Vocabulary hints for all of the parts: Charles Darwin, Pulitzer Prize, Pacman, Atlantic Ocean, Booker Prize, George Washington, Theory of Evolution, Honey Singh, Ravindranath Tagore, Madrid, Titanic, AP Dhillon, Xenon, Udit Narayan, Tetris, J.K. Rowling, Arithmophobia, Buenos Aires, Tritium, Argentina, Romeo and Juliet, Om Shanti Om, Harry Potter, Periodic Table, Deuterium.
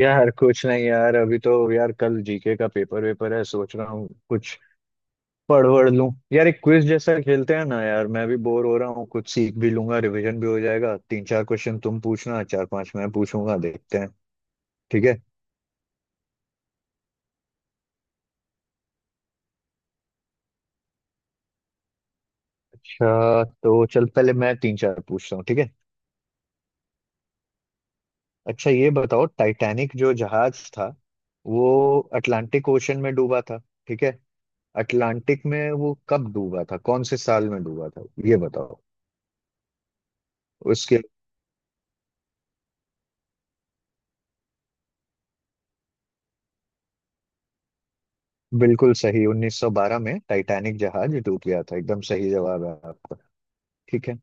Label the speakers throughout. Speaker 1: यार कुछ नहीं यार अभी तो यार कल जीके का पेपर वेपर है सोच रहा हूँ कुछ पढ़ वढ़ लूं यार। एक क्विज जैसा खेलते हैं ना यार, मैं भी बोर हो रहा हूँ, कुछ सीख भी लूंगा, रिवीजन भी हो जाएगा। तीन चार क्वेश्चन तुम पूछना, चार पांच मैं पूछूंगा, देखते हैं। ठीक है। अच्छा तो चल, पहले मैं तीन चार पूछता हूँ, ठीक है। अच्छा ये बताओ, टाइटैनिक जो जहाज था, वो अटलांटिक ओशन में डूबा था। ठीक है। अटलांटिक में वो कब डूबा था, कौन से साल में डूबा था, ये बताओ उसके। बिल्कुल सही, 1912 में टाइटैनिक जहाज डूब गया था, एकदम सही जवाब है आपका। ठीक है।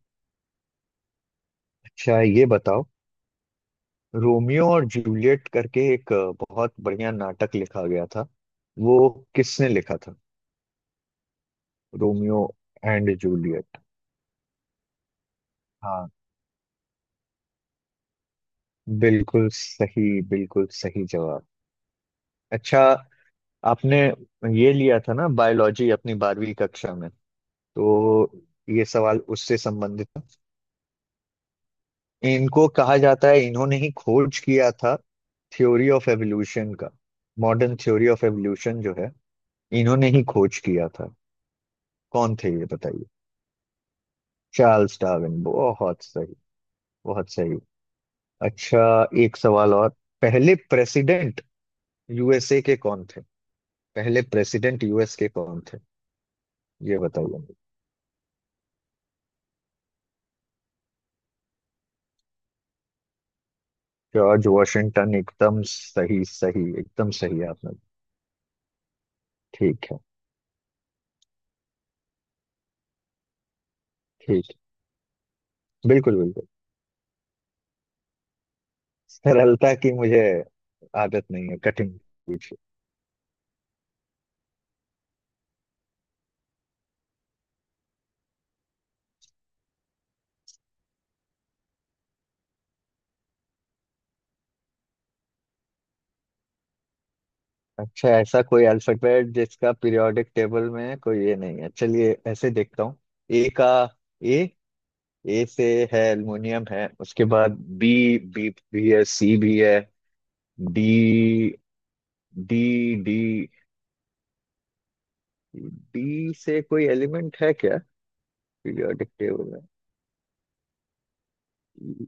Speaker 1: अच्छा ये बताओ, रोमियो और जूलियट करके एक बहुत बढ़िया नाटक लिखा गया था वो, किसने लिखा था? Romeo and Juliet. हाँ, बिल्कुल सही, बिल्कुल सही जवाब। अच्छा, आपने ये लिया था ना बायोलॉजी अपनी बारहवीं कक्षा में, तो ये सवाल उससे संबंधित है। इनको कहा जाता है, इन्होंने ही खोज किया था थ्योरी ऑफ एवोल्यूशन का। मॉडर्न थ्योरी ऑफ एवोल्यूशन जो है, इन्होंने ही खोज किया था। कौन थे ये बताइए। चार्ल्स डार्विन, बहुत सही, बहुत सही। अच्छा, एक सवाल और। पहले प्रेसिडेंट यूएसए के कौन थे? पहले प्रेसिडेंट यूएस के कौन थे, ये बताइए मुझे। जॉर्ज वॉशिंगटन, एकदम सही सही, एकदम सही आपने। ठीक है। ठीक। बिल्कुल बिल्कुल। सरलता की मुझे आदत नहीं है, कठिन पूछिए। अच्छा, ऐसा कोई अल्फाबेट जिसका पीरियोडिक टेबल में कोई ये नहीं है, चलिए ऐसे देखता हूँ। ए का, ए, ए से है, एल्युमिनियम है। उसके बाद बी, बी भी है, सी भी है। डी, डी, डी डी से कोई एलिमेंट है क्या पीरियोडिक टेबल में,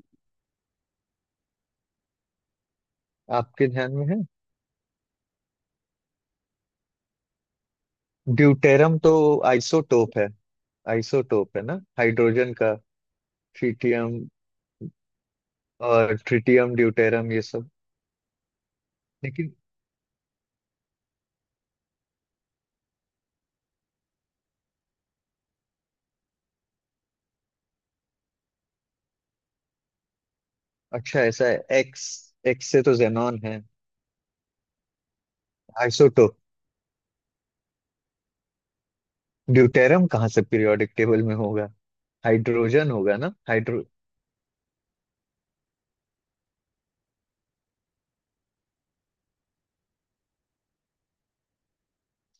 Speaker 1: आपके ध्यान में है? ड्यूटेरम तो आइसोटोप है, आइसोटोप है ना हाइड्रोजन का। ट्रिटियम, और ट्रिटियम ड्यूटेरम ये सब। लेकिन अच्छा, ऐसा है एक्स, एक्स से तो जेनॉन है। आइसोटोप ड्यूटेरम कहाँ से पीरियोडिक टेबल में होगा, हाइड्रोजन होगा ना, हाइड्रो।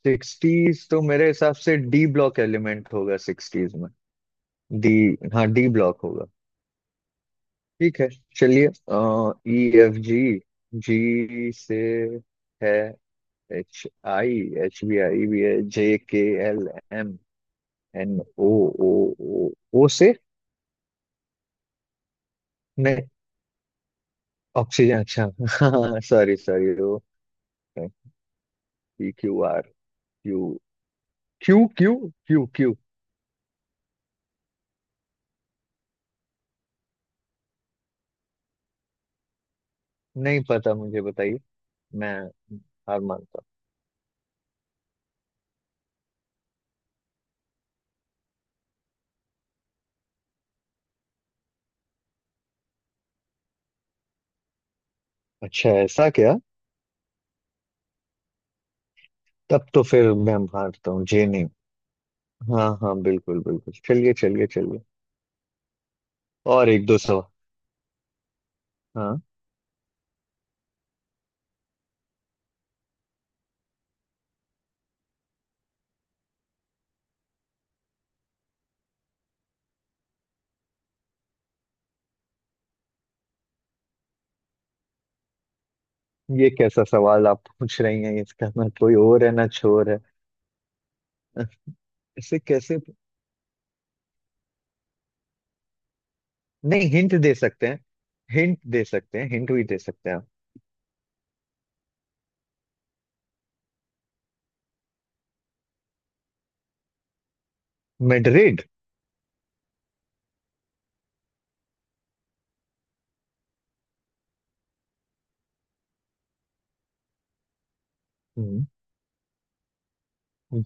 Speaker 1: सिक्सटीज तो मेरे हिसाब से डी ब्लॉक एलिमेंट होगा सिक्सटीज में। डी, हाँ, डी ब्लॉक होगा। ठीक है, चलिए। ई, एफ, जी, जी से है। H, I, H B I भी है। J, K, L, M, N, O, O, O, O से ऑक्सीजन। अच्छा सॉरी सॉरी वो। P, Q, R. Q Q, Q, Q, नहीं पता, मुझे बताइए, मैं हार मानता हूँ। अच्छा, ऐसा क्या? तब तो फिर मैं हारता हूँ, जी नहीं। हाँ हाँ, बिल्कुल बिल्कुल, चलिए चलिए चलिए। और एक दो सवाल। हाँ, ये कैसा सवाल आप पूछ रही हैं, इसका ना कोई और है ना छोर है। इसे कैसे, नहीं हिंट दे सकते हैं? हिंट दे सकते हैं, हिंट भी दे सकते हैं आप। मेड्रिड।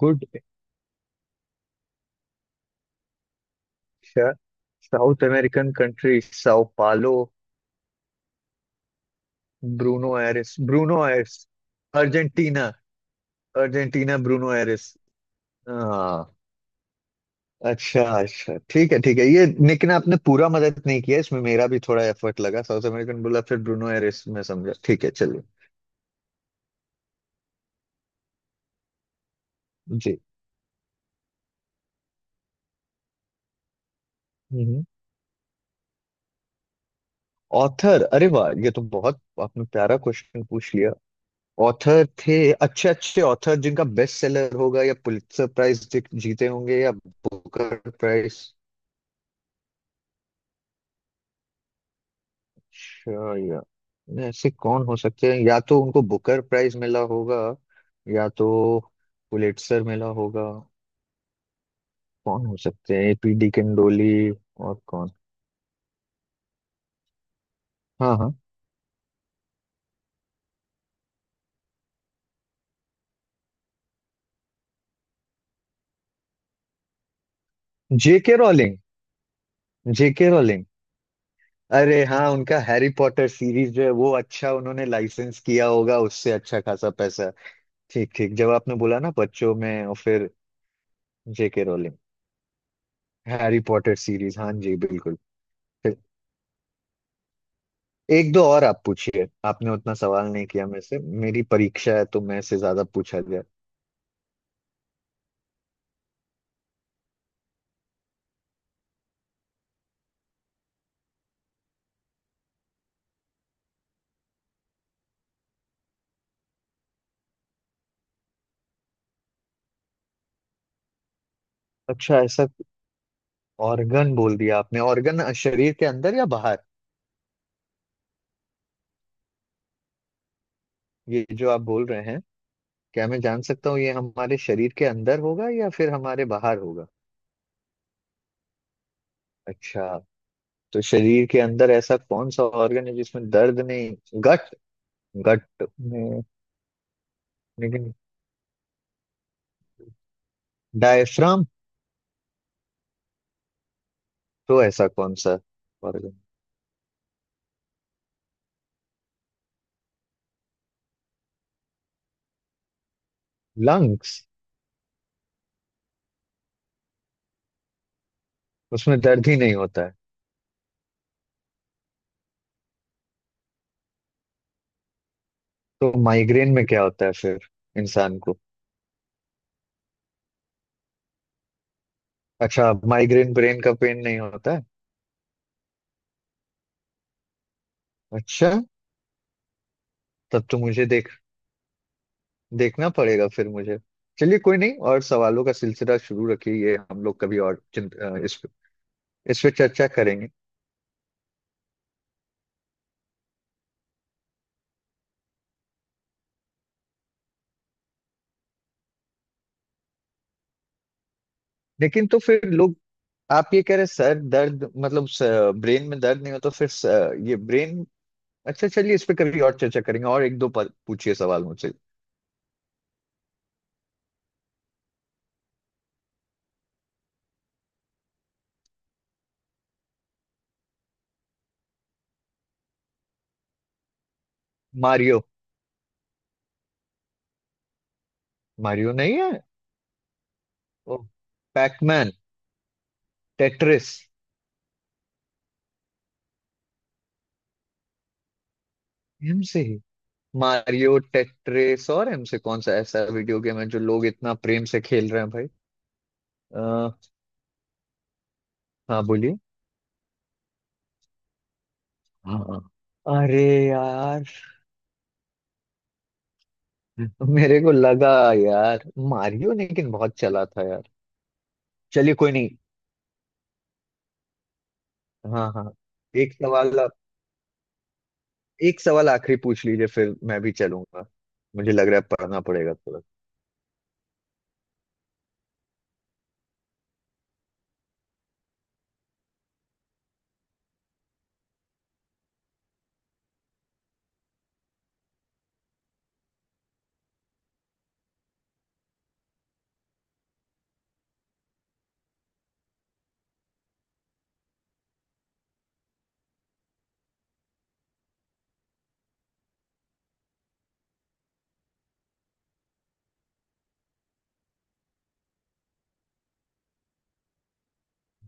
Speaker 1: गुड। शा- साउथ अमेरिकन कंट्री sao पालो, Bruno Eris, Bruno Eris. Argentina. Argentina Bruno Eris. हाँ। अच्छा अच्छा, ठीक है ठीक है, ये लेकिन आपने पूरा मदद नहीं किया इसमें, मेरा भी थोड़ा एफर्ट लगा, साउथ अमेरिकन बोला फिर ब्रूनो एरिस में समझा। ठीक है, चलिए। जी। ऑथर, अरे वाह, ये तो बहुत आपने प्यारा क्वेश्चन पूछ लिया। ऑथर थे अच्छे अच्छे ऑथर जिनका बेस्ट सेलर होगा, या पुलित्जर प्राइज जीते होंगे, या बुकर प्राइज। अच्छा, या ऐसे कौन हो सकते हैं, या तो उनको बुकर प्राइज मिला होगा, या तो पुलिट्जर मिला होगा। कौन हो सकते हैं, एपीडी किंडोली, और कौन? हाँ हाँ। JK Rowling, JK Rowling. अरे हाँ, उनका हैरी पॉटर सीरीज जो है वो, अच्छा, उन्होंने लाइसेंस किया होगा उससे अच्छा खासा पैसा। ठीक ठीक, जब आपने बोला ना बच्चों में, और फिर JK Rowling. Harry Potter series, हाँ जी बिल्कुल। एक दो और आप पूछिए, आपने उतना सवाल नहीं किया मेरे से, मेरी परीक्षा है तो मैं से ज्यादा पूछा जाए। अच्छा, ऐसा ऑर्गन बोल दिया आपने, ऑर्गन शरीर के अंदर या बाहर, ये जो आप बोल रहे हैं? क्या मैं जान सकता हूँ ये हमारे शरीर के अंदर होगा या फिर हमारे बाहर होगा? अच्छा, तो शरीर के अंदर ऐसा कौन सा ऑर्गन है जिसमें दर्द नहीं? गट, गट में? लेकिन डायफ्राम? तो ऐसा कौन सा ऑर्गन? लंग्स? उसमें दर्द ही नहीं होता है? तो माइग्रेन में क्या होता है फिर इंसान को? अच्छा, माइग्रेन ब्रेन का पेन नहीं होता है? अच्छा, तब तो मुझे देख, देखना पड़ेगा फिर मुझे। चलिए कोई नहीं, और सवालों का सिलसिला शुरू रखिए, ये हम लोग कभी और इस पे, इस पे चर्चा करेंगे। लेकिन तो फिर लोग, आप ये कह रहे सर दर्द मतलब ब्रेन में दर्द नहीं हो तो फिर स, ये ब्रेन। अच्छा चलिए, इस पे कभी और चर्चा करेंगे, और एक दो पूछिए सवाल मुझसे। मारियो। मारियो नहीं है? ओ, पैकमैन, टेट्रिस। एम से मारियो टेट्रिस, और इनसे कौन सा ऐसा वीडियो गेम है जो लोग इतना प्रेम से खेल रहे हैं भाई? आ, हाँ बोलिए। हाँ, अरे यार, मेरे को लगा यार मारियो, लेकिन बहुत चला था यार। चलिए कोई नहीं। हाँ हाँ। एक सवाल आप- एक सवाल आखिरी पूछ लीजिए फिर मैं भी चलूंगा, मुझे लग रहा है पढ़ना पड़ेगा थोड़ा।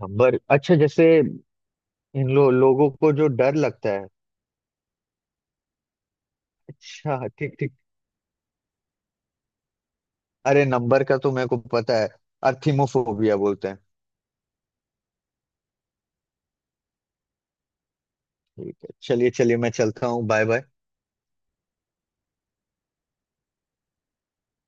Speaker 1: नंबर, अच्छा जैसे लोगों को जो डर लगता है? अच्छा ठीक ठीक। अरे नंबर का तो मेरे को पता है, अर्थिमोफोबिया बोलते हैं। ठीक है, चलिए चलिए, मैं चलता हूँ, बाय बाय।